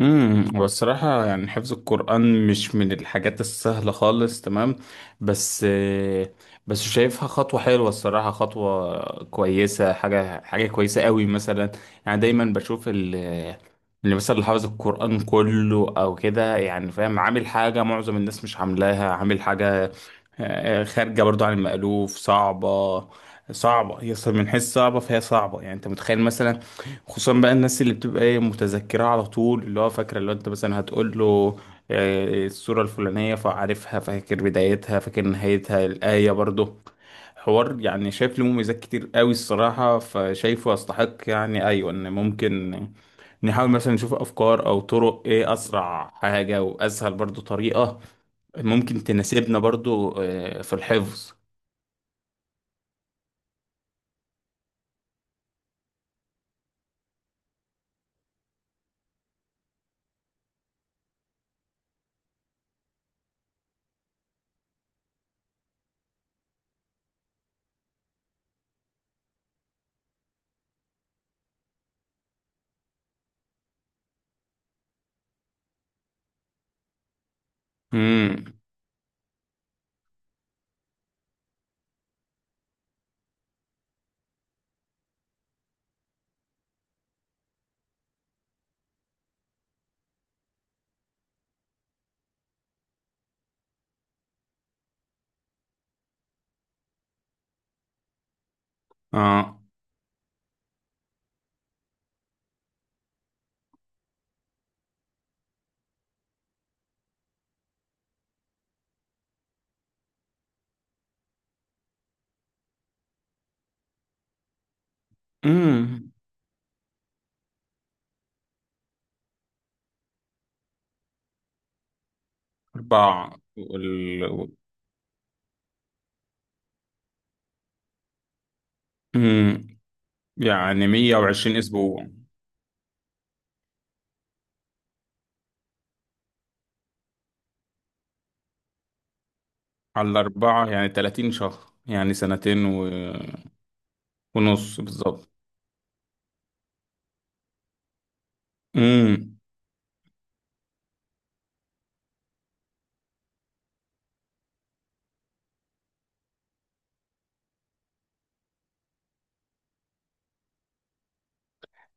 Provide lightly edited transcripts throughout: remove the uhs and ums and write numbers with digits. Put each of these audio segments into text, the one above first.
والصراحة يعني حفظ القرآن مش من الحاجات السهلة خالص. تمام، بس بس شايفها خطوة حلوة الصراحة، خطوة كويسة، حاجة كويسة قوي مثلا. يعني دايما بشوف اللي مثلا اللي حافظ القرآن كله او كده، يعني فاهم، عامل حاجة معظم الناس مش عاملاها، عامل حاجة خارجة برضو عن المألوف، صعبة. صعبة هي أصلاً من حيث صعبة، فهي صعبة، يعني انت متخيل مثلا؟ خصوصا بقى الناس اللي بتبقى ايه متذكرة على طول، اللي هو فاكرة، اللي هو انت مثلا هتقول له السورة الفلانية فعارفها، فاكر بدايتها، فاكر نهايتها، الآية برضه. حوار يعني، شايف له مميزات كتير قوي الصراحة، فشايفه يستحق، يعني ايوه ان ممكن نحاول مثلا نشوف افكار او طرق ايه اسرع حاجة واسهل برضه طريقة ممكن تناسبنا برضه، في الحفظ. امم اه. امم اربعة وال… امم يعني 120 اسبوع. على الاربعه يعني 30 شهر، يعني سنتين و… ونص بالظبط. امم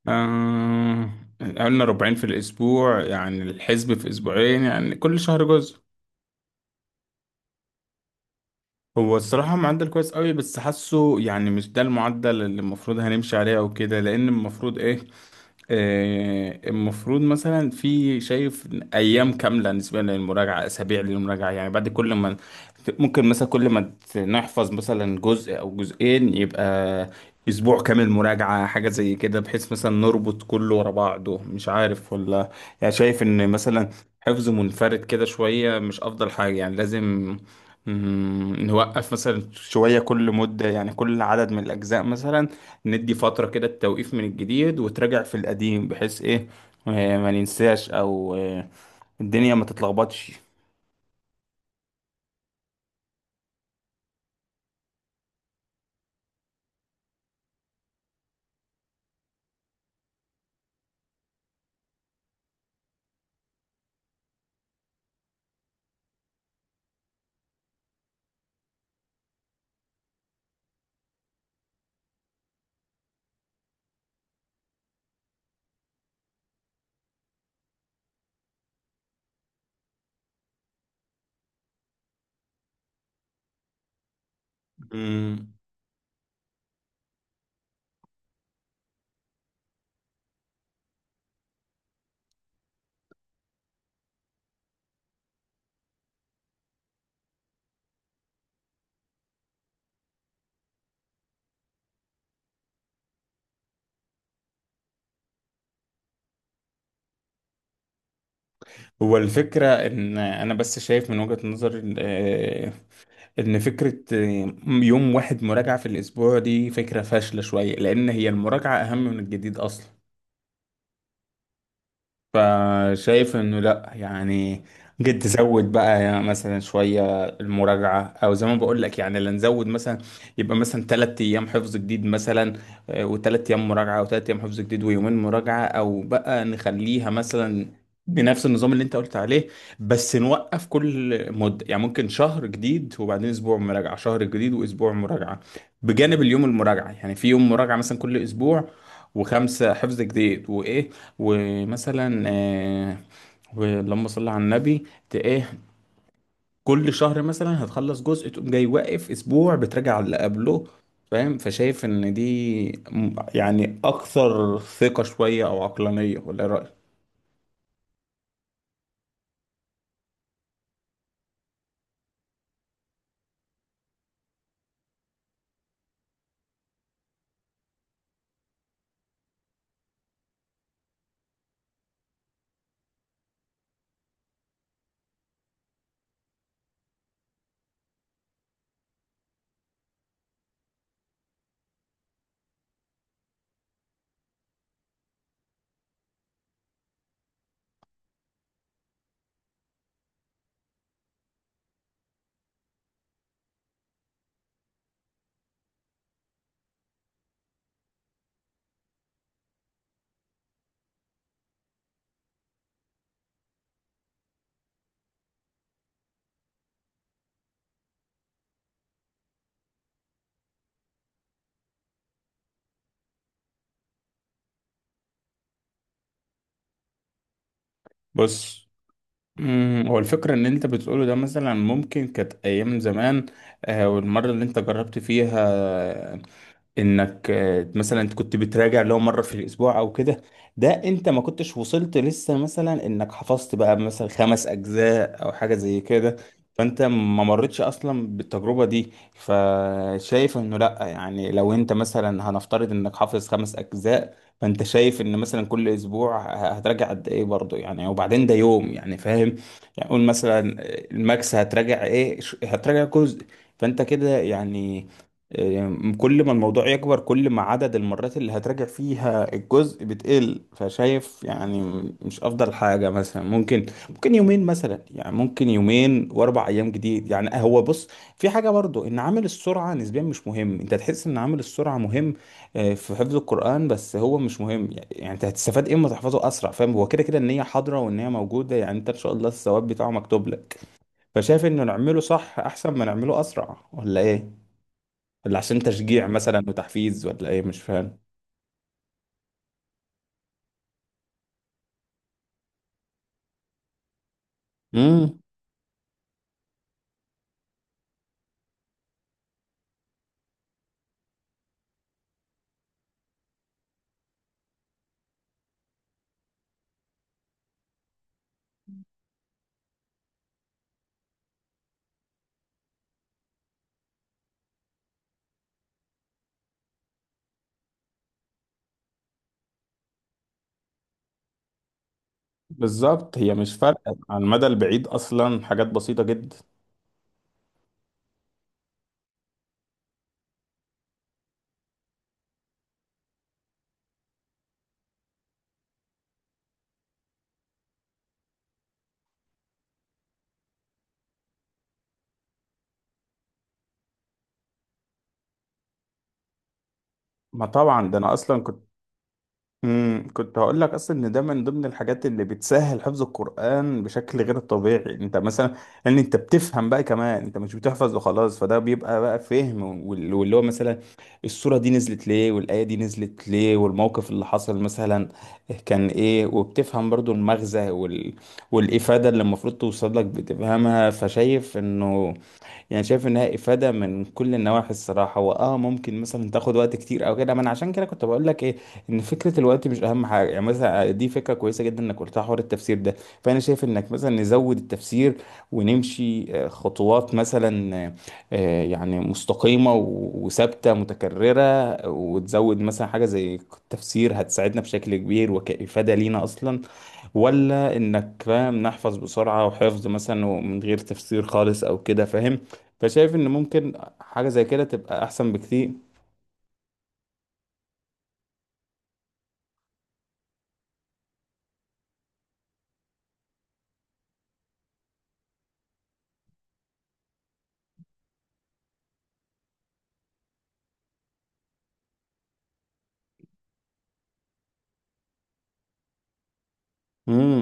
آه... قلنا ربعين في الاسبوع، يعني الحسب في اسبوعين، يعني كل شهر جزء. هو الصراحة معدل كويس قوي، بس حاسه يعني مش ده المعدل اللي المفروض هنمشي عليه او كده، لان المفروض ايه؟ المفروض مثلا، في شايف ايام كامله بالنسبه للمراجعه، اسابيع للمراجعه، يعني بعد كل ما ممكن مثلا، كل ما نحفظ مثلا جزء او جزئين، يبقى اسبوع كامل مراجعه، حاجه زي كده، بحيث مثلا نربط كله ورا بعضه، مش عارف ولا. يعني شايف ان مثلا حفظ منفرد كده شويه مش افضل حاجه، يعني لازم نوقف مثلا شوية كل مدة، يعني كل عدد من الأجزاء مثلا، ندي فترة كده التوقيف من الجديد وتراجع في القديم، بحيث إيه، ما ننساش أو الدنيا ما تتلخبطش. مم. هو الفكرة إن أنا بس شايف من وجهة نظر، إن فكرة يوم واحد مراجعة في الأسبوع دي فكرة فاشلة شوية، لأن هي المراجعة أهم من الجديد أصلا. فشايف انه لا، يعني جد تزود بقى، يعني مثلا شويه المراجعه، او زي ما بقول لك يعني اللي نزود مثلا، يبقى مثلا ثلاث ايام حفظ جديد مثلا، وثلاث ايام مراجعه، او ثلاث ايام حفظ جديد ويومين مراجعه، او بقى نخليها مثلا بنفس النظام اللي انت قلت عليه، بس نوقف كل مده، يعني ممكن شهر جديد وبعدين اسبوع مراجعه، شهر جديد واسبوع مراجعه، بجانب اليوم المراجعه، يعني في يوم مراجعه مثلا كل اسبوع، وخمسه حفظ جديد، وايه، ومثلا ولما صلى على النبي ايه، كل شهر مثلا هتخلص جزء، تقوم جاي واقف اسبوع بتراجع على اللي قبله، فاهم؟ فشايف ان دي يعني اكثر ثقة شوية او عقلانية، ولا إيه رأيك؟ بص، هو الفكرة ان انت بتقوله ده مثلا ممكن كانت ايام زمان، والمرة اللي انت جربت فيها، انك مثلا انت كنت بتراجع لو مرة في الاسبوع او كده، ده انت ما كنتش وصلت لسه مثلا انك حفظت بقى مثلا خمس اجزاء او حاجة زي كده. فانت ما مرتش اصلا بالتجربة دي. فشايف انه لا، يعني لو انت مثلا هنفترض انك حافظ خمس اجزاء، فانت شايف ان مثلا كل اسبوع هتراجع قد ايه برضه؟ يعني وبعدين ده يوم، يعني فاهم. يعني قول مثلا الماكس هتراجع ايه، هتراجع جزء. فانت كده يعني كل ما الموضوع يكبر، كل ما عدد المرات اللي هتراجع فيها الجزء بتقل. فشايف يعني مش افضل حاجة مثلا، ممكن ممكن يومين مثلا، يعني ممكن يومين واربع ايام جديد، يعني هو بص، في حاجة برضو ان عامل السرعة نسبيا مش مهم، انت تحس ان عامل السرعة مهم في حفظ القرآن، بس هو مش مهم يعني، يعني انت هتستفاد ايه اما تحفظه اسرع؟ فاهم. هو كده كده النية حاضرة والنية موجودة، يعني انت ان شاء الله الثواب بتاعه مكتوب لك. فشايف انه نعمله صح احسن ما نعمله اسرع، ولا ايه؟ ولا عشان تشجيع مثلا وتحفيز، ولا ايه، مش فاهم. امم بالظبط، هي مش فارقة على المدى البعيد اصلا، حاجات بسيطة جدا. ما طبعا ده انا اصلا كنت، كنت هقول لك اصلا ان ده من ضمن الحاجات اللي بتسهل حفظ القران بشكل غير طبيعي. انت مثلا، ان انت بتفهم بقى كمان، انت مش بتحفظ وخلاص، فده بيبقى بقى فهم واللي هو مثلا السوره دي نزلت ليه، والايه دي نزلت ليه، والموقف اللي حصل مثلا كان ايه، وبتفهم برضو المغزى والافاده اللي المفروض توصل لك بتفهمها. فشايف انه، يعني شايف انها افاده من كل النواحي الصراحه. واه ممكن مثلا تاخد وقت كتير او كده، ما انا عشان كده كنت بقول لك ايه، ان فكره الوقت مش اهم حاجه، يعني مثلا دي فكره كويسه جدا انك قلتها، حوار التفسير ده. فانا شايف انك مثلا نزود التفسير، ونمشي خطوات مثلا يعني مستقيمه وثابته متكرره، وتزود مثلا حاجه زي التفسير هتساعدنا بشكل كبير، وكافاده لينا اصلا. ولا انك فاهم نحفظ بسرعة وحفظ مثلا ومن غير تفسير خالص او كده، فاهم. فشايف ان ممكن حاجة زي كده تبقى احسن بكتير. امم